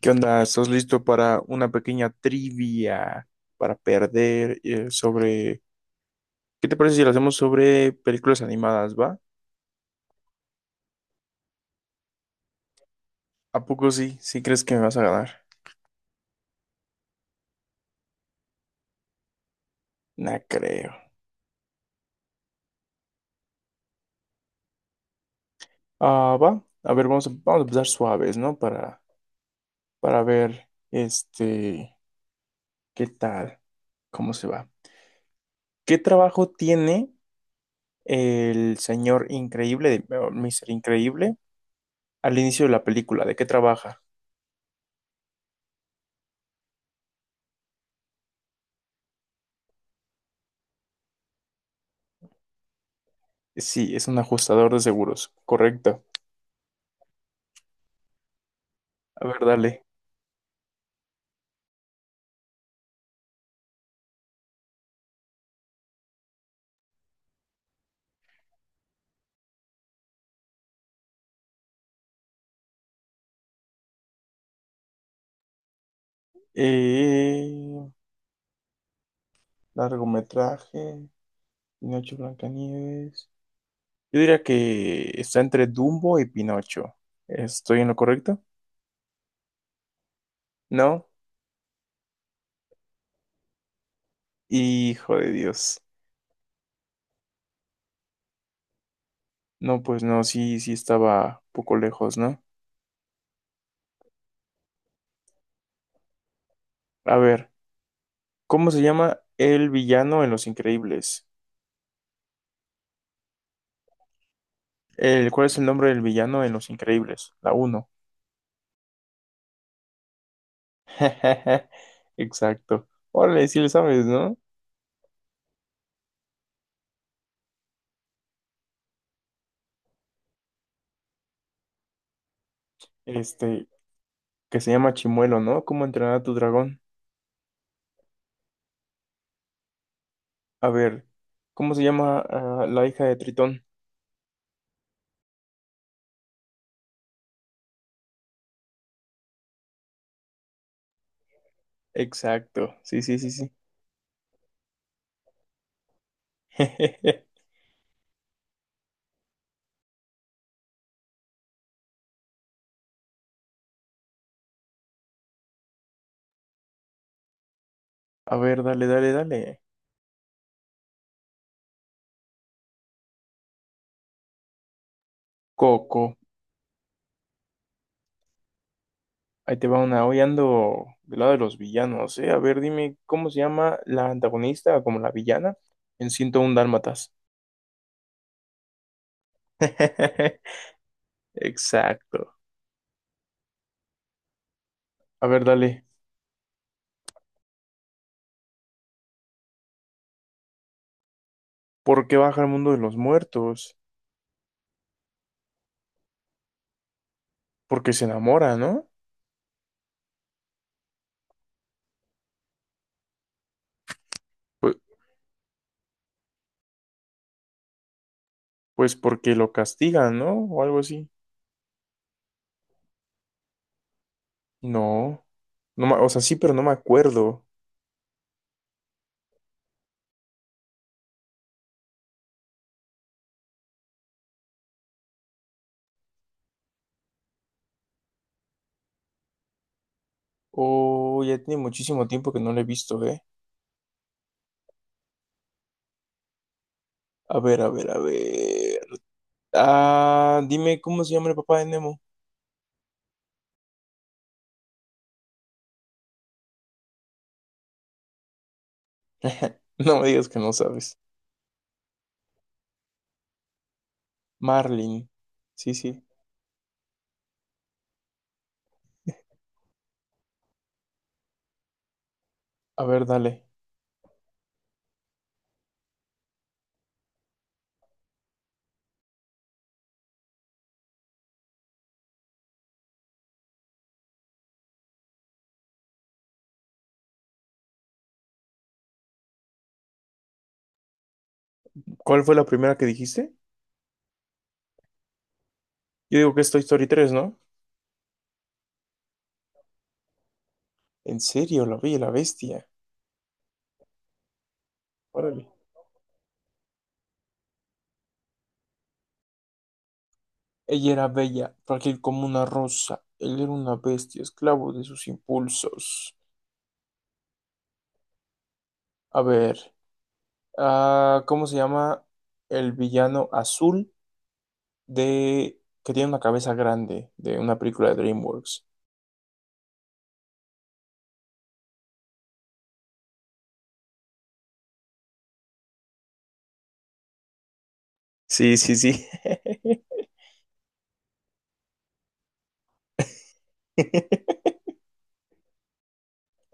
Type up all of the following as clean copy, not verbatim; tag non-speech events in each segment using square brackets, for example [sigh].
¿Qué onda? ¿Estás listo para una pequeña trivia para perder sobre... ¿Qué te parece si lo hacemos sobre películas animadas, va? ¿A poco sí? ¿Sí crees que me vas a ganar? No creo. Ah, va. A ver, vamos a empezar suaves, ¿no? Para ver, qué tal, cómo se va. ¿Qué trabajo tiene el señor increíble, o Mr. Increíble, al inicio de la película? ¿De qué trabaja? Sí, es un ajustador de seguros. Correcto. A ver, dale. Eh, largometraje, Pinocho Blancanieves. Yo diría que está entre Dumbo y Pinocho. ¿Estoy en lo correcto? ¿No? Hijo de Dios. No, pues no, sí, sí estaba un poco lejos, ¿no? A ver, ¿cómo se llama el villano en Los Increíbles? El, ¿cuál es el nombre del villano en Los Increíbles? La uno. [laughs] Exacto. Órale, sí le sabes, ¿no? Este, que se llama Chimuelo, ¿no? ¿Cómo entrenar a tu dragón? A ver, ¿cómo se llama la hija de Tritón? Exacto, sí, sí, sí, sí. [laughs] A ver, dale, dale, dale. Coco, ahí te va una. Hoy ando del lado de los villanos, ¿eh? A ver, dime, ¿cómo se llama la antagonista, como la villana, en 101 Dálmatas? [laughs] Exacto. A ver, dale. ¿Por qué baja al mundo de los muertos? Porque se enamora, ¿no? Pues, pues porque lo castigan, ¿no? O algo así. No. No, o sea, sí, pero no me acuerdo. Oh, ya tiene muchísimo tiempo que no la he visto, ¿eh? A ver, a ver, a ver. Ah, dime cómo se llama el papá de Nemo. [laughs] No me digas que no sabes. Marlin. Sí, sí. A ver, dale. ¿Cuál fue la primera que dijiste? Yo digo que es Toy Story 3, ¿no? En serio, la Bella y la Bestia. Órale. Ella era bella, frágil como una rosa. Él era una bestia, esclavo de sus impulsos. A ver, ¿cómo se llama el villano azul de que tiene una cabeza grande de una película de DreamWorks? Sí, sí, sí. [laughs]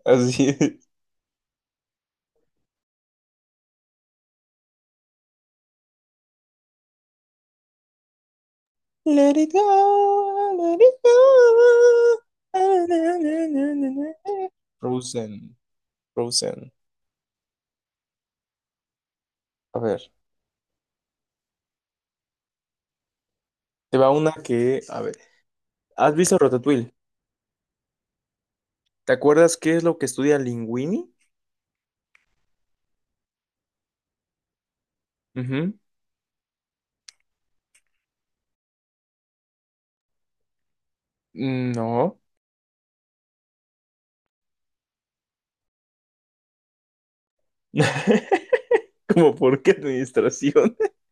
Así es. Let it go, let it go. Ah, na, na, na, na, na. Frozen, Frozen. A ver, te va una que, a ver, ¿has visto Ratatouille? ¿Te acuerdas qué es lo que estudia Linguini? Ujú. No. [laughs] ¿Cómo por qué administración? [laughs]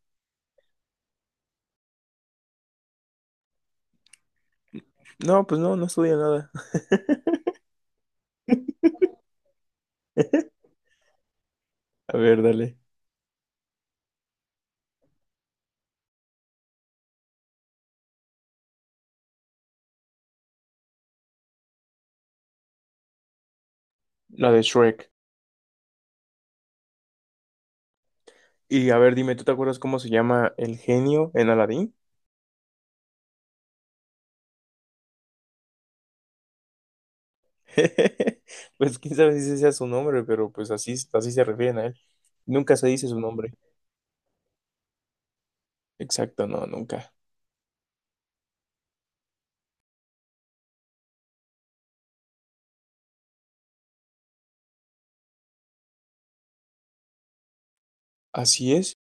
No, pues no, no estudia nada. [laughs] A ver, dale. La de Shrek. Y a ver, dime, ¿tú te acuerdas cómo se llama el genio en Aladdin? [laughs] Pues quién sabe si ese sea su nombre, pero pues así, así se refieren a él. Nunca se dice su nombre. Exacto, no, nunca. Así es.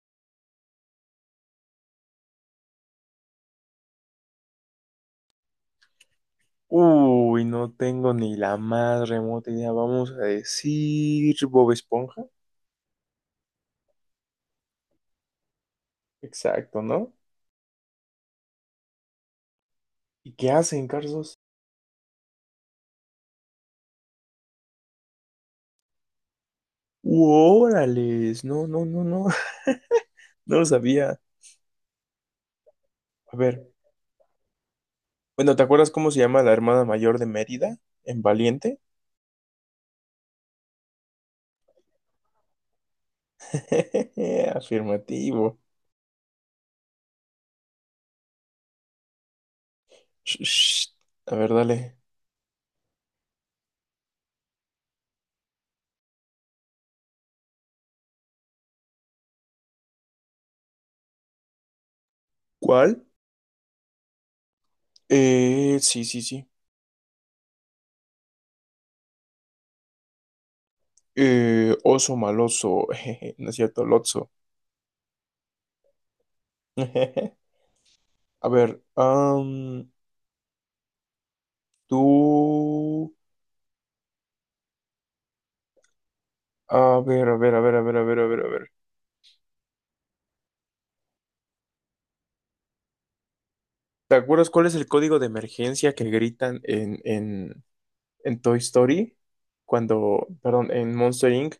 Uy, no tengo ni la más remota idea. Vamos a decir Bob Esponja. Exacto, ¿no? ¿Y qué hacen, Carlos? ¡Órales! No, no, no, no. [laughs] No lo sabía. A ver. Bueno, ¿te acuerdas cómo se llama la hermana mayor de Mérida? ¿En Valiente? [laughs] Afirmativo. Sh- sh. A ver, dale. ¿Cuál? Sí, sí, sí. Oso maloso. [laughs] Jeje, no es cierto, Lotso. [laughs] A ver, am, tú. A ver, a ver, a ver, a ver, a ver, a ver, a ver. ¿Te acuerdas cuál es el código de emergencia que gritan en Toy Story, cuando, perdón, en Monster Inc.,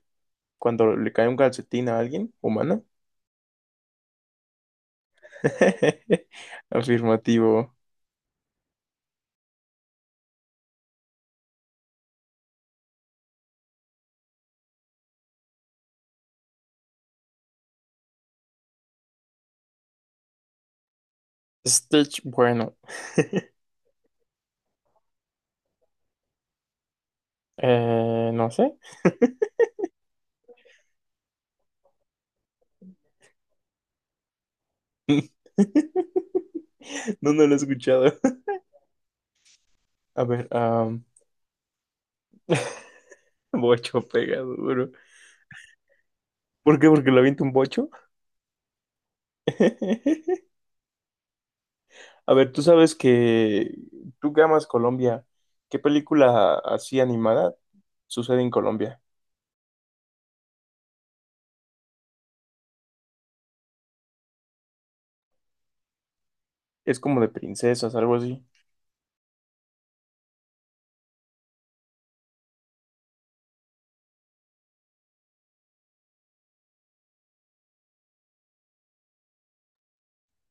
cuando le cae un calcetín a alguien humana. [laughs] Afirmativo. Stitch, bueno, no sé. [laughs] No, no lo he escuchado. [laughs] A ver, am, [laughs] bocho pega duro. ¿Por qué? Porque le avienta un bocho. [laughs] A ver, tú sabes que tú que amas Colombia, ¿qué película así animada sucede en Colombia? Es como de princesas, algo así.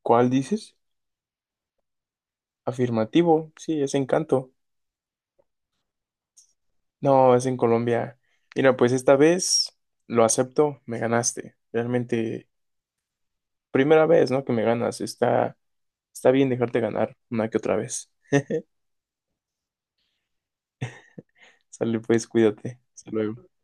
¿Cuál dices? Afirmativo, sí, es Encanto. No, es en Colombia. Mira, pues esta vez lo acepto, me ganaste. Realmente, primera vez, ¿no? Que me ganas. Está, está bien dejarte ganar una que otra vez. Sale pues, cuídate. Hasta luego.